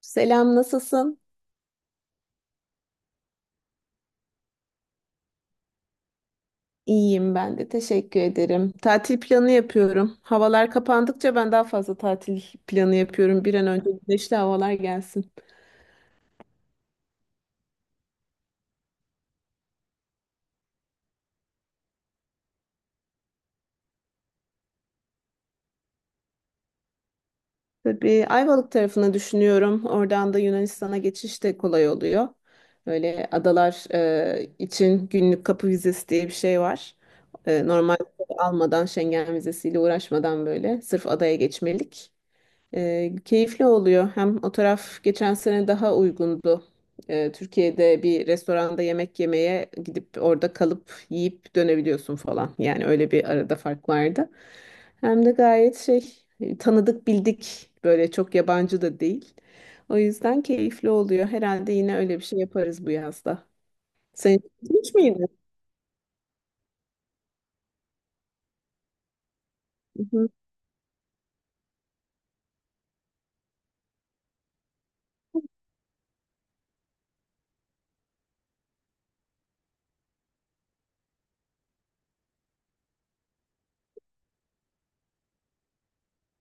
Selam, nasılsın? İyiyim ben de, teşekkür ederim. Tatil planı yapıyorum. Havalar kapandıkça ben daha fazla tatil planı yapıyorum. Bir an önce güneşli havalar gelsin. Tabii Ayvalık tarafını düşünüyorum. Oradan da Yunanistan'a geçiş de kolay oluyor. Böyle adalar için günlük kapı vizesi diye bir şey var. Normal almadan Schengen vizesiyle uğraşmadan böyle sırf adaya geçmelik. Keyifli oluyor. Hem o taraf geçen sene daha uygundu. Türkiye'de bir restoranda yemek yemeye gidip orada kalıp yiyip dönebiliyorsun falan. Yani öyle bir arada fark vardı. Hem de gayet şey, tanıdık bildik, böyle çok yabancı da değil. O yüzden keyifli oluyor. Herhalde yine öyle bir şey yaparız bu yazda. Sen hiç miydin? Hı hı.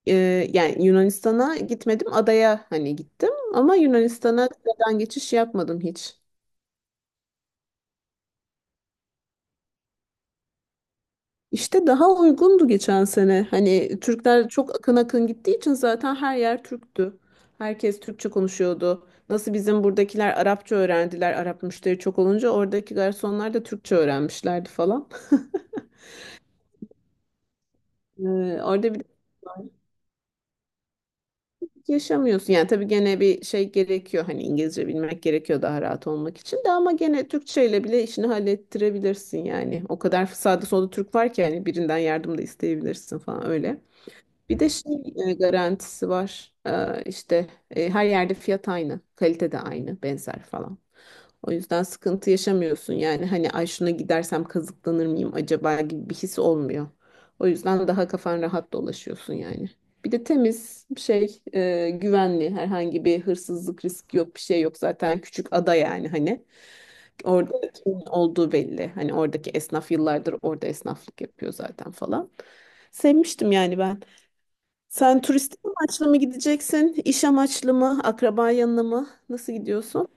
Yani Yunanistan'a gitmedim, adaya hani gittim ama Yunanistan'a kıtadan geçiş yapmadım hiç. İşte daha uygundu geçen sene. Hani Türkler çok akın akın gittiği için zaten her yer Türktü. Herkes Türkçe konuşuyordu. Nasıl bizim buradakiler Arapça öğrendiler. Arap müşteri çok olunca oradaki garsonlar da Türkçe öğrenmişlerdi falan. Ee, Orada bir de farklılık yaşamıyorsun. Yani tabii gene bir şey gerekiyor. Hani İngilizce bilmek gerekiyor daha rahat olmak için de, ama gene Türkçeyle bile işini hallettirebilirsin yani. O kadar sağda solda Türk var ki hani birinden yardım da isteyebilirsin falan öyle. Bir de şey garantisi var. İşte her yerde fiyat aynı, kalite de aynı, benzer falan. O yüzden sıkıntı yaşamıyorsun. Yani hani ay şuna gidersem kazıklanır mıyım acaba gibi bir his olmuyor. O yüzden daha kafan rahat dolaşıyorsun yani. Bir de temiz şey, güvenli, herhangi bir hırsızlık riski yok, bir şey yok, zaten küçük ada, yani hani orada kimin olduğu belli, hani oradaki esnaf yıllardır orada esnaflık yapıyor zaten falan, sevmiştim yani ben. Sen turistik amaçlı mı gideceksin? İş amaçlı mı? Akraba yanına mı? Nasıl gidiyorsun?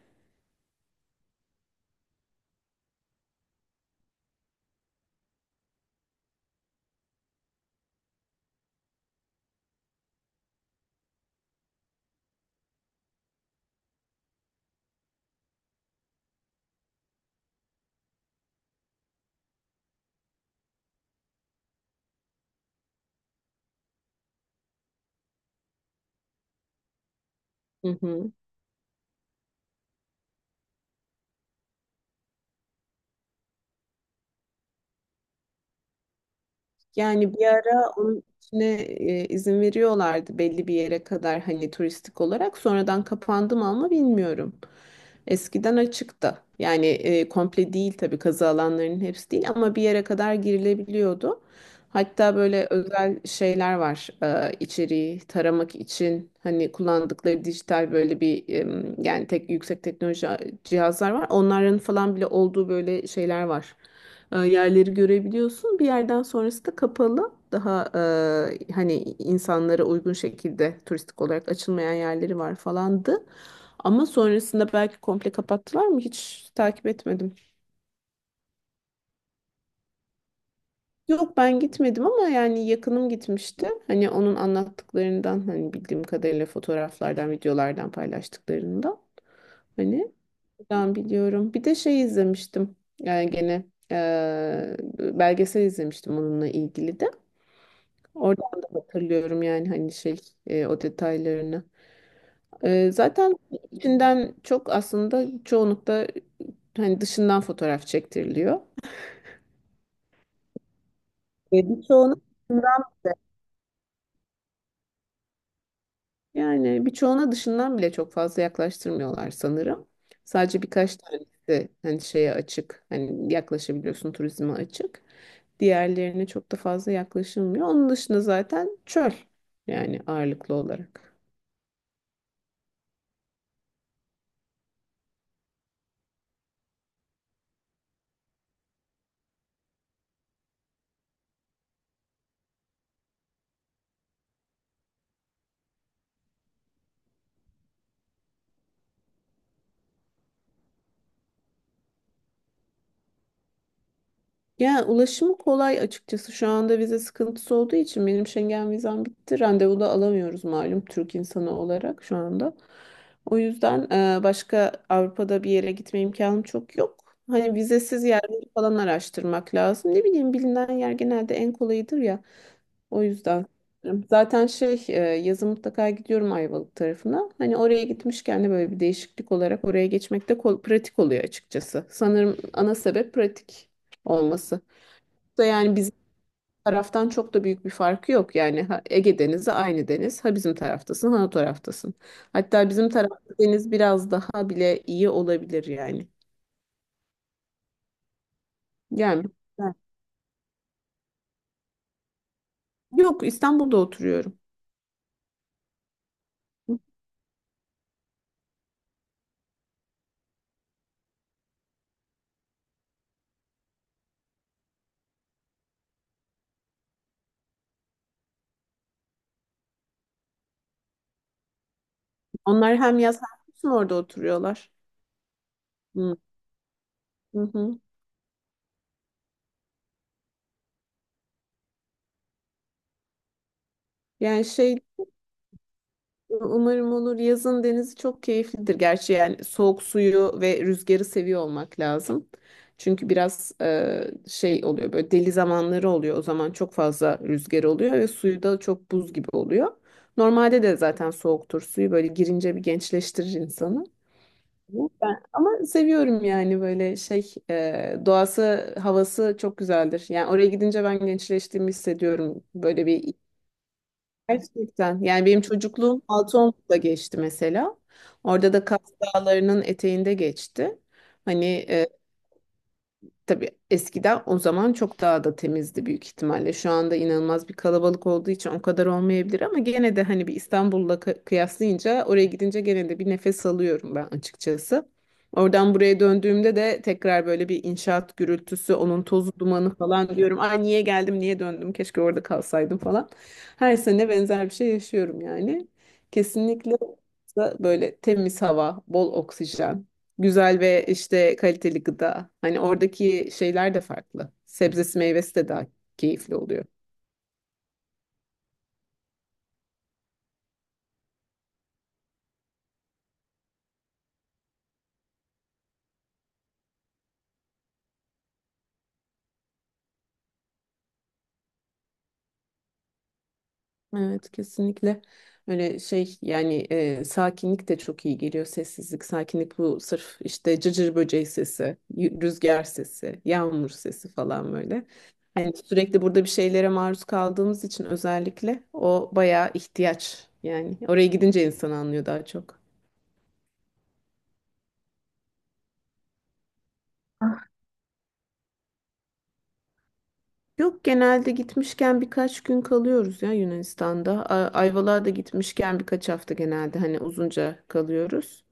Hı hı. Yani bir ara onun içine izin veriyorlardı belli bir yere kadar hani, turistik olarak. Sonradan kapandı mı ama bilmiyorum. Eskiden açıktı. Yani komple değil tabii, kazı alanlarının hepsi değil ama bir yere kadar girilebiliyordu. Hatta böyle özel şeyler var, içeriği taramak için hani kullandıkları dijital, böyle bir, yani tek yüksek teknoloji cihazlar var. Onların falan bile olduğu böyle şeyler var. Yerleri görebiliyorsun. Bir yerden sonrası da kapalı. Daha hani, insanlara uygun şekilde turistik olarak açılmayan yerleri var falandı. Ama sonrasında belki komple kapattılar mı hiç takip etmedim. Yok, ben gitmedim ama yani yakınım gitmişti. Hani onun anlattıklarından, hani bildiğim kadarıyla fotoğraflardan, videolardan paylaştıklarında hani ben biliyorum. Bir de şey izlemiştim. Yani gene belgesel izlemiştim onunla ilgili de. Oradan da hatırlıyorum yani, hani şey, o detaylarını. Zaten içinden çok, aslında çoğunlukla hani dışından fotoğraf çektiriliyor. E, Birçoğuna yani birçoğuna dışından bile çok fazla yaklaştırmıyorlar sanırım. Sadece birkaç tanesi hani şeye açık. Hani yaklaşabiliyorsun, turizme açık. Diğerlerine çok da fazla yaklaşılmıyor. Onun dışında zaten çöl, yani ağırlıklı olarak. Yani ulaşımı kolay açıkçası, şu anda vize sıkıntısı olduğu için benim Schengen vizem bitti. Randevu da alamıyoruz malum, Türk insanı olarak şu anda. O yüzden başka Avrupa'da bir yere gitme imkanım çok yok. Hani vizesiz yerleri falan araştırmak lazım. Ne bileyim, bilinen yer genelde en kolayıdır ya. O yüzden. Zaten şey, yazın mutlaka gidiyorum Ayvalık tarafına. Hani oraya gitmişken de böyle bir değişiklik olarak oraya geçmek de pratik oluyor açıkçası. Sanırım ana sebep pratik olması. Yani bizim taraftan çok da büyük bir farkı yok. Yani ha Ege Denizi aynı deniz. Ha bizim taraftasın, ha o taraftasın. Hatta bizim tarafta deniz biraz daha bile iyi olabilir yani. Yani ben- Yok, İstanbul'da oturuyorum. Onlar hem yaz hem kışın orada oturuyorlar. Hı hı. Hı. Yani şey, umarım olur. Yazın denizi çok keyiflidir. Gerçi yani soğuk suyu ve rüzgarı seviyor olmak lazım. Çünkü biraz şey oluyor, böyle deli zamanları oluyor. O zaman çok fazla rüzgar oluyor ve suyu da çok buz gibi oluyor. Normalde de zaten soğuktur suyu, böyle girince bir gençleştirir insanı. Ama seviyorum yani, böyle şey, doğası havası çok güzeldir. Yani oraya gidince ben gençleştiğimi hissediyorum. Böyle Gerçekten. Yani benim çocukluğum Altıoklu'da geçti mesela. Orada da Kaz Dağları'nın eteğinde geçti. Hani, tabii eskiden, o zaman çok daha da temizdi büyük ihtimalle. Şu anda inanılmaz bir kalabalık olduğu için o kadar olmayabilir, ama gene de hani bir İstanbul'la kıyaslayınca, oraya gidince gene de bir nefes alıyorum ben açıkçası. Oradan buraya döndüğümde de tekrar böyle bir inşaat gürültüsü, onun tozu dumanı falan, diyorum ay niye geldim, niye döndüm? Keşke orada kalsaydım falan. Her sene benzer bir şey yaşıyorum yani. Kesinlikle, böyle temiz hava, bol oksijen. Güzel ve işte kaliteli gıda. Hani oradaki şeyler de farklı. Sebzesi meyvesi de daha keyifli oluyor. Evet, kesinlikle öyle. Şey yani, sakinlik de çok iyi geliyor, sessizlik, sakinlik, bu sırf işte cırcır böceği sesi, rüzgar sesi, yağmur sesi falan, böyle hani sürekli burada bir şeylere maruz kaldığımız için özellikle, o bayağı ihtiyaç yani, oraya gidince insan anlıyor daha çok. Yok, genelde gitmişken birkaç gün kalıyoruz ya Yunanistan'da. Ayvalık'a da gitmişken birkaç hafta genelde hani uzunca kalıyoruz.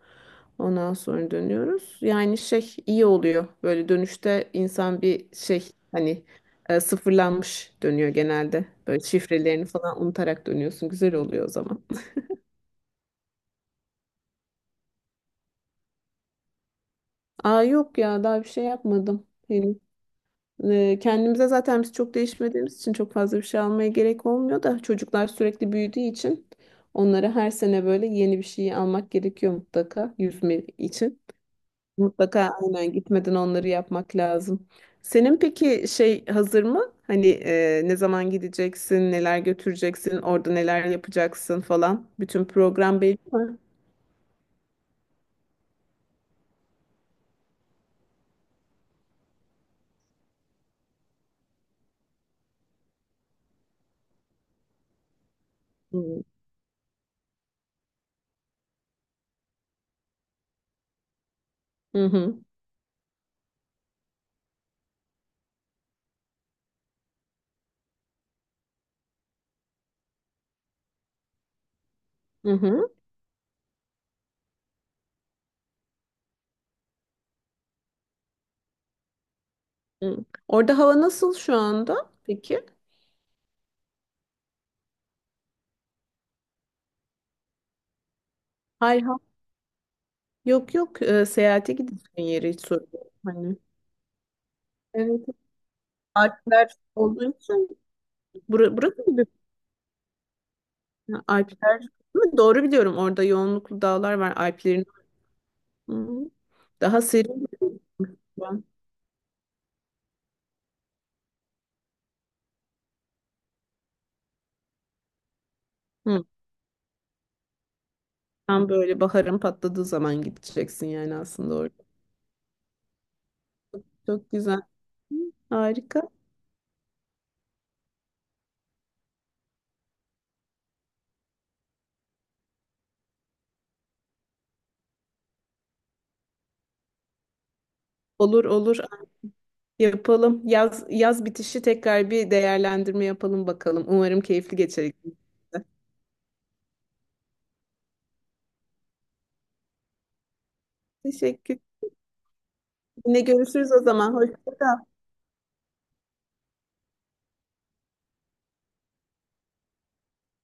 Ondan sonra dönüyoruz. Yani şey iyi oluyor. Böyle dönüşte insan bir şey, hani sıfırlanmış dönüyor genelde. Böyle şifrelerini falan unutarak dönüyorsun. Güzel oluyor o zaman. Aa, yok ya, daha bir şey yapmadım henüz. Kendimize zaten biz çok değişmediğimiz için çok fazla bir şey almaya gerek olmuyor da, çocuklar sürekli büyüdüğü için onlara her sene böyle yeni bir şey almak gerekiyor mutlaka, yüzme için. Mutlaka aynen gitmeden onları yapmak lazım. Senin peki şey hazır mı? Hani, ne zaman gideceksin, neler götüreceksin, orada neler yapacaksın falan. Bütün program belli mi? Hı hı hı. Hı hı. Hı. Orada hava nasıl şu anda? Peki. Hayır, hayır. Yok yok, seyahate gideceğin yeri hiç soruyorum. Hani. Evet. Alpler olduğu için, burası mı? Alpler. Değil mi? Doğru biliyorum. Orada yoğunluklu dağlar var, Alplerin. Hı. Daha serin. Hı. Tam böyle baharın patladığı zaman gideceksin yani, aslında orada. Çok güzel. Hı. Harika. Olur olur, yapalım. Yaz bitişi tekrar bir değerlendirme yapalım bakalım. Umarım keyifli geçer ikimiz de. Teşekkür. Yine görüşürüz o zaman. Hoşça kal.